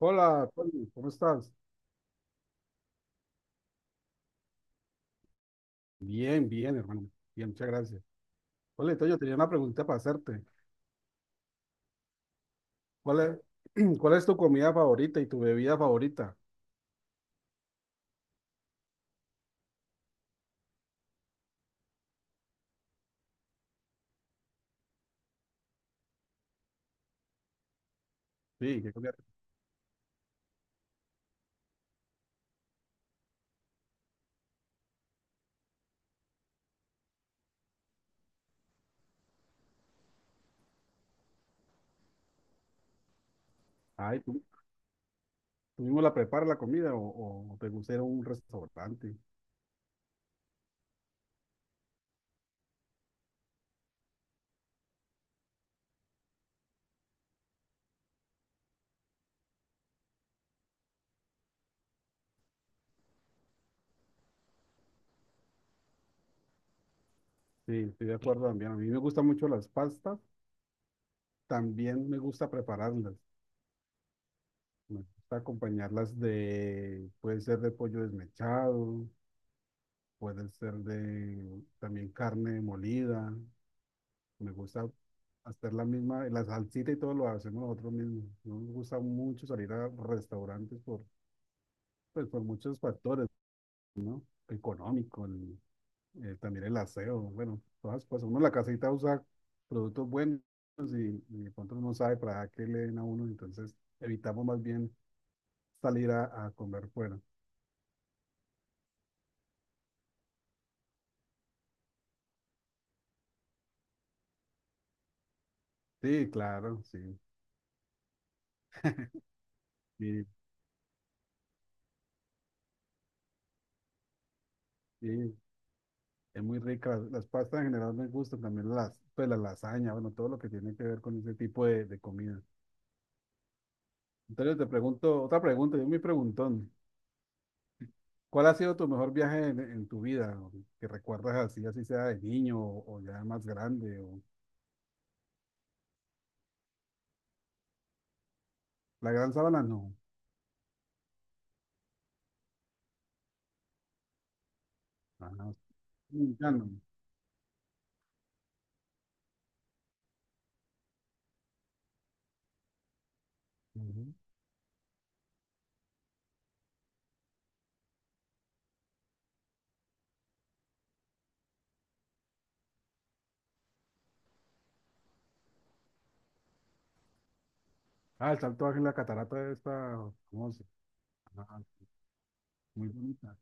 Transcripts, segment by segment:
Hola, Poli, ¿cómo estás? Bien, hermano. Bien, muchas gracias. Poli, entonces yo tenía una pregunta para hacerte. ¿Cuál es, cuál es tu comida favorita y tu bebida favorita? Sí, ¿qué comida? Ay, ¿tú mismo la preparas la comida o te gusta ir a un restaurante? Sí, estoy de acuerdo también. A mí me gustan mucho las pastas. También me gusta prepararlas. Me gusta acompañarlas de, puede ser de pollo desmechado, puede ser de también carne molida. Me gusta hacer la misma, la salsita y todo lo hacemos nosotros mismos. No me gusta mucho salir a restaurantes por, pues, por muchos factores, ¿no? Económico, también el aseo, bueno, todas las cosas. Uno en la casita usa productos buenos y de pronto uno no sabe para qué le den a uno, entonces evitamos más bien salir a comer fuera. Sí, claro, sí. Y, y es muy rica. Las pastas en general me gustan, también las, pues la lasaña, bueno, todo lo que tiene que ver con ese tipo de comida. Entonces te pregunto, otra pregunta, yo me preguntón. ¿Cuál ha sido tu mejor viaje en tu vida? O que recuerdas así, así sea de niño o ya más grande. O... La Gran Sabana no. Ah, no. Dominicano. Ujú. Ah, el Salto Ángel, la catarata está famosa. Ah, muy bonita.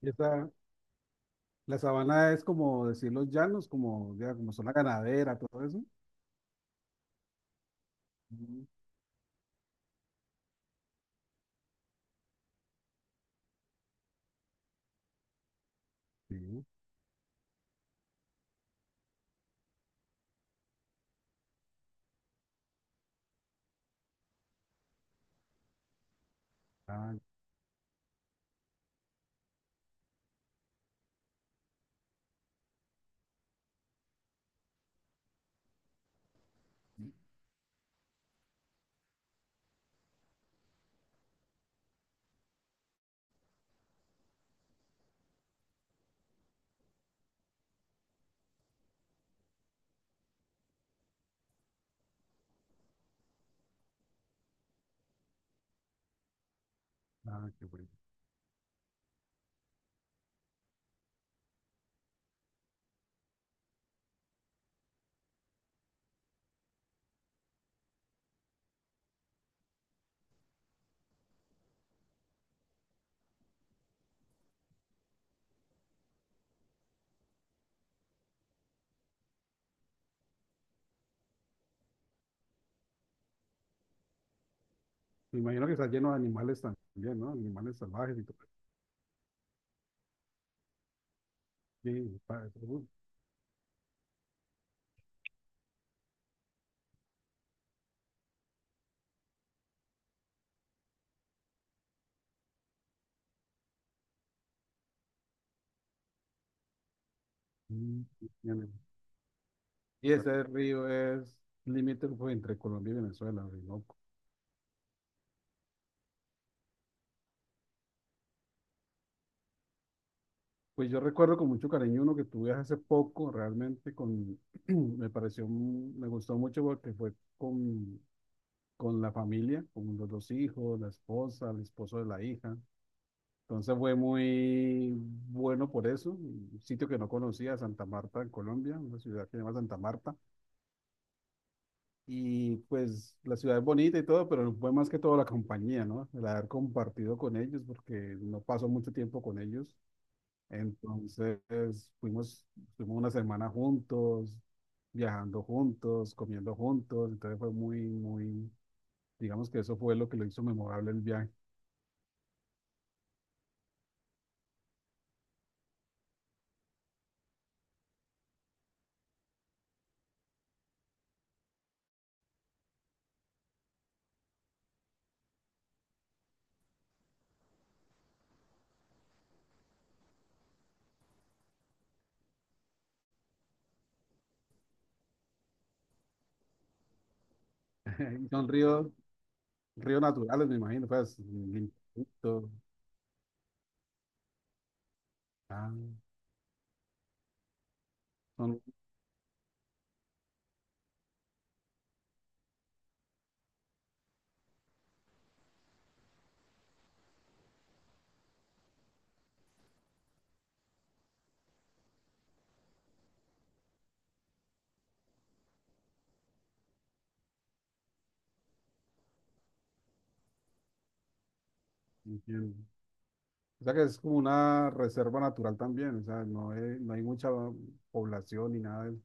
Y esta, la sabana es como decir los llanos, como, ya, como zona ganadera, todo eso. Ujú. Sí. Ah, ah, qué bueno. Me imagino que está lleno de animales también, ¿no? Animales salvajes y todo. Sí, está... Mm, entiendo. Y ese río es límite pues, entre Colombia y Venezuela, Orinoco. Pues yo recuerdo con mucho cariño uno que tuve hace poco, realmente con, me pareció, un... me gustó mucho porque fue con la familia, con los dos hijos, la esposa, el esposo de la hija. Entonces fue muy bueno por eso. Un sitio que no conocía, Santa Marta, en Colombia, una ciudad que se llama Santa Marta. Y pues la ciudad es bonita y todo, pero fue más que todo la compañía, ¿no? El haber compartido con ellos, porque no pasó mucho tiempo con ellos. Entonces fuimos, fuimos una semana juntos, viajando juntos, comiendo juntos. Entonces fue digamos que eso fue lo que lo hizo memorable el viaje. Y son ríos naturales, me imagino, pues, limpiecitos. Ah, son, entiendo. O sea que es como una reserva natural también, o sea, no hay mucha población ni nada de eso.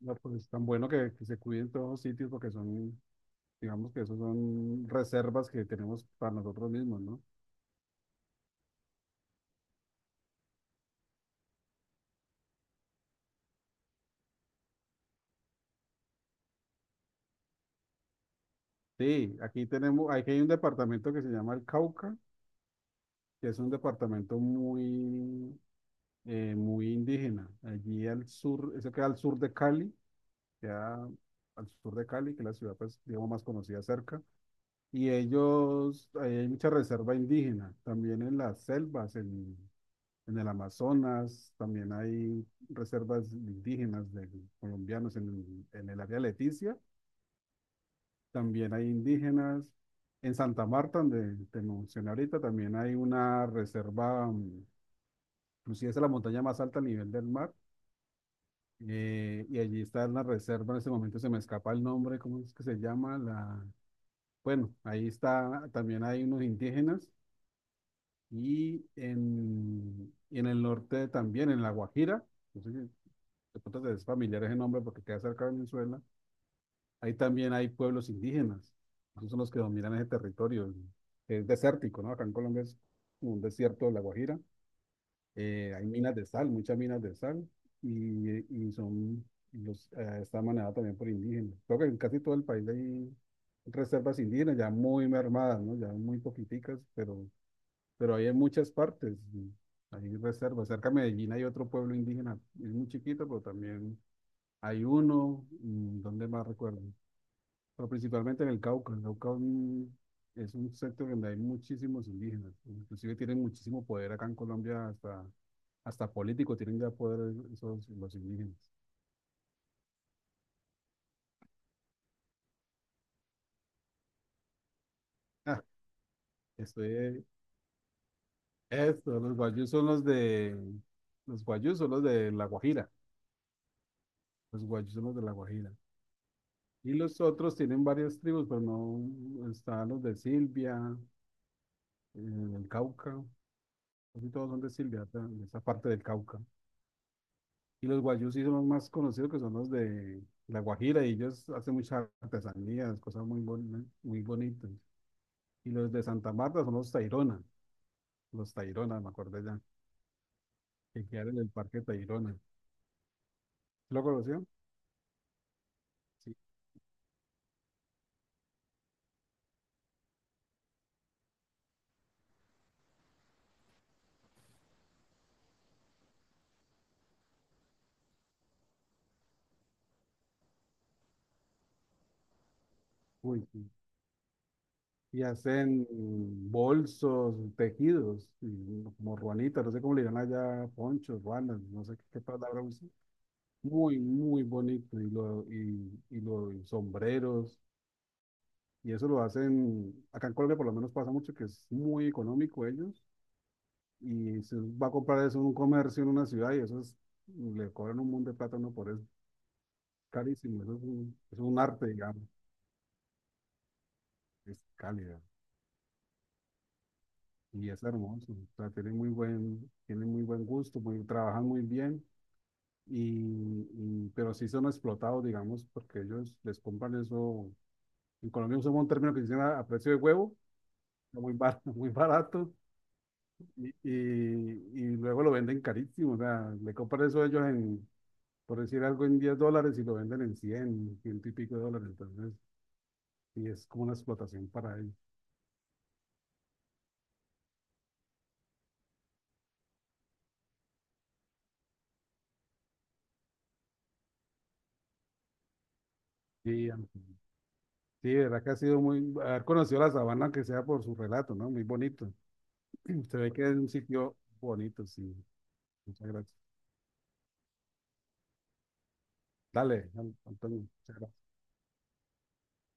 No, pues es tan bueno que se cuiden todos los sitios porque son, digamos que esos son reservas que tenemos para nosotros mismos, ¿no? Sí, aquí tenemos, aquí hay un departamento que se llama el Cauca, que es un departamento muy, muy indígena. Allí al sur, eso queda al sur de Cali, queda al sur de Cali, que es la ciudad, pues, digamos, más conocida cerca. Y ellos, hay mucha reserva indígena, también en las selvas, en el Amazonas, también hay reservas indígenas de colombianos en el área de Leticia, también hay indígenas. En Santa Marta, donde te mencioné ahorita, también hay una reserva, inclusive es la montaña más alta a nivel del mar, y allí está la reserva, en ese momento se me escapa el nombre, ¿cómo es que se llama? La... Bueno, ahí está, también hay unos indígenas y en el norte también, en La Guajira, no sé si de pronto es familiar ese nombre porque queda cerca de Venezuela, ahí también hay pueblos indígenas, esos son los que dominan ese territorio, es desértico, ¿no? Acá en Colombia es como un desierto de La Guajira, hay minas de sal, muchas minas de sal, y, y son, los, está manejada también por indígenas. Creo que en casi todo el país hay reservas indígenas ya muy mermadas, ¿no? Ya muy poquiticas, pero ahí hay en muchas partes, hay reservas. Cerca de Medellín hay otro pueblo indígena, es muy chiquito, pero también hay uno, mm, ¿dónde más recuerdo? Pero principalmente en el Cauca. El Cauca mm, es un sector donde hay muchísimos indígenas, inclusive tienen muchísimo poder acá en Colombia, hasta político tienen ya poder esos, los indígenas. Ah, estoy, los guayús son los guayús son los de La Guajira, los guayús son los de La Guajira. Y los otros tienen varias tribus, pero no están los de Silvia, eh, el Cauca, casi todos son de Silvia, ta- de esa parte del Cauca. Y los guayús sí son más conocidos, que son los de La Guajira, y ellos hacen muchas artesanías, cosas muy, boni- muy bonitas. Y los de Santa Marta son los los Tairona, me acordé ya, que quedaron en el Parque Tairona. ¿Lo conoció? Sí. Uy, sí. Y hacen bolsos, tejidos, y como ruanitas, no sé cómo le llaman allá, ponchos, ruanas, no sé qué, qué palabra usan. Muy, muy bonito, y los sombreros, y eso lo hacen, acá en Colombia por lo menos pasa mucho que es muy económico ellos, y se va a comprar eso en un comercio en una ciudad, y eso es, le cobran un montón de plata a uno por eso, carísimo, es un arte, digamos, es cálido. Y es hermoso, o sea, tienen muy buen gusto, muy, trabajan muy bien, pero sí son explotados, digamos, porque ellos les compran eso. En Colombia usamos un término que dicen a precio de huevo, muy bar muy barato, y luego lo venden carísimo, o sea, le compran eso a ellos en, por decir algo, en $10 y lo venden en 100 100 y pico de dólares, entonces, sí es como una explotación para ellos. Sí, am- sí, de verdad que ha sido muy, haber conocido la sabana, que sea por su relato, ¿no? Muy bonito. Se ve que es un sitio bonito, sí. Muchas gracias. Dale, Antonio. Muchas gracias.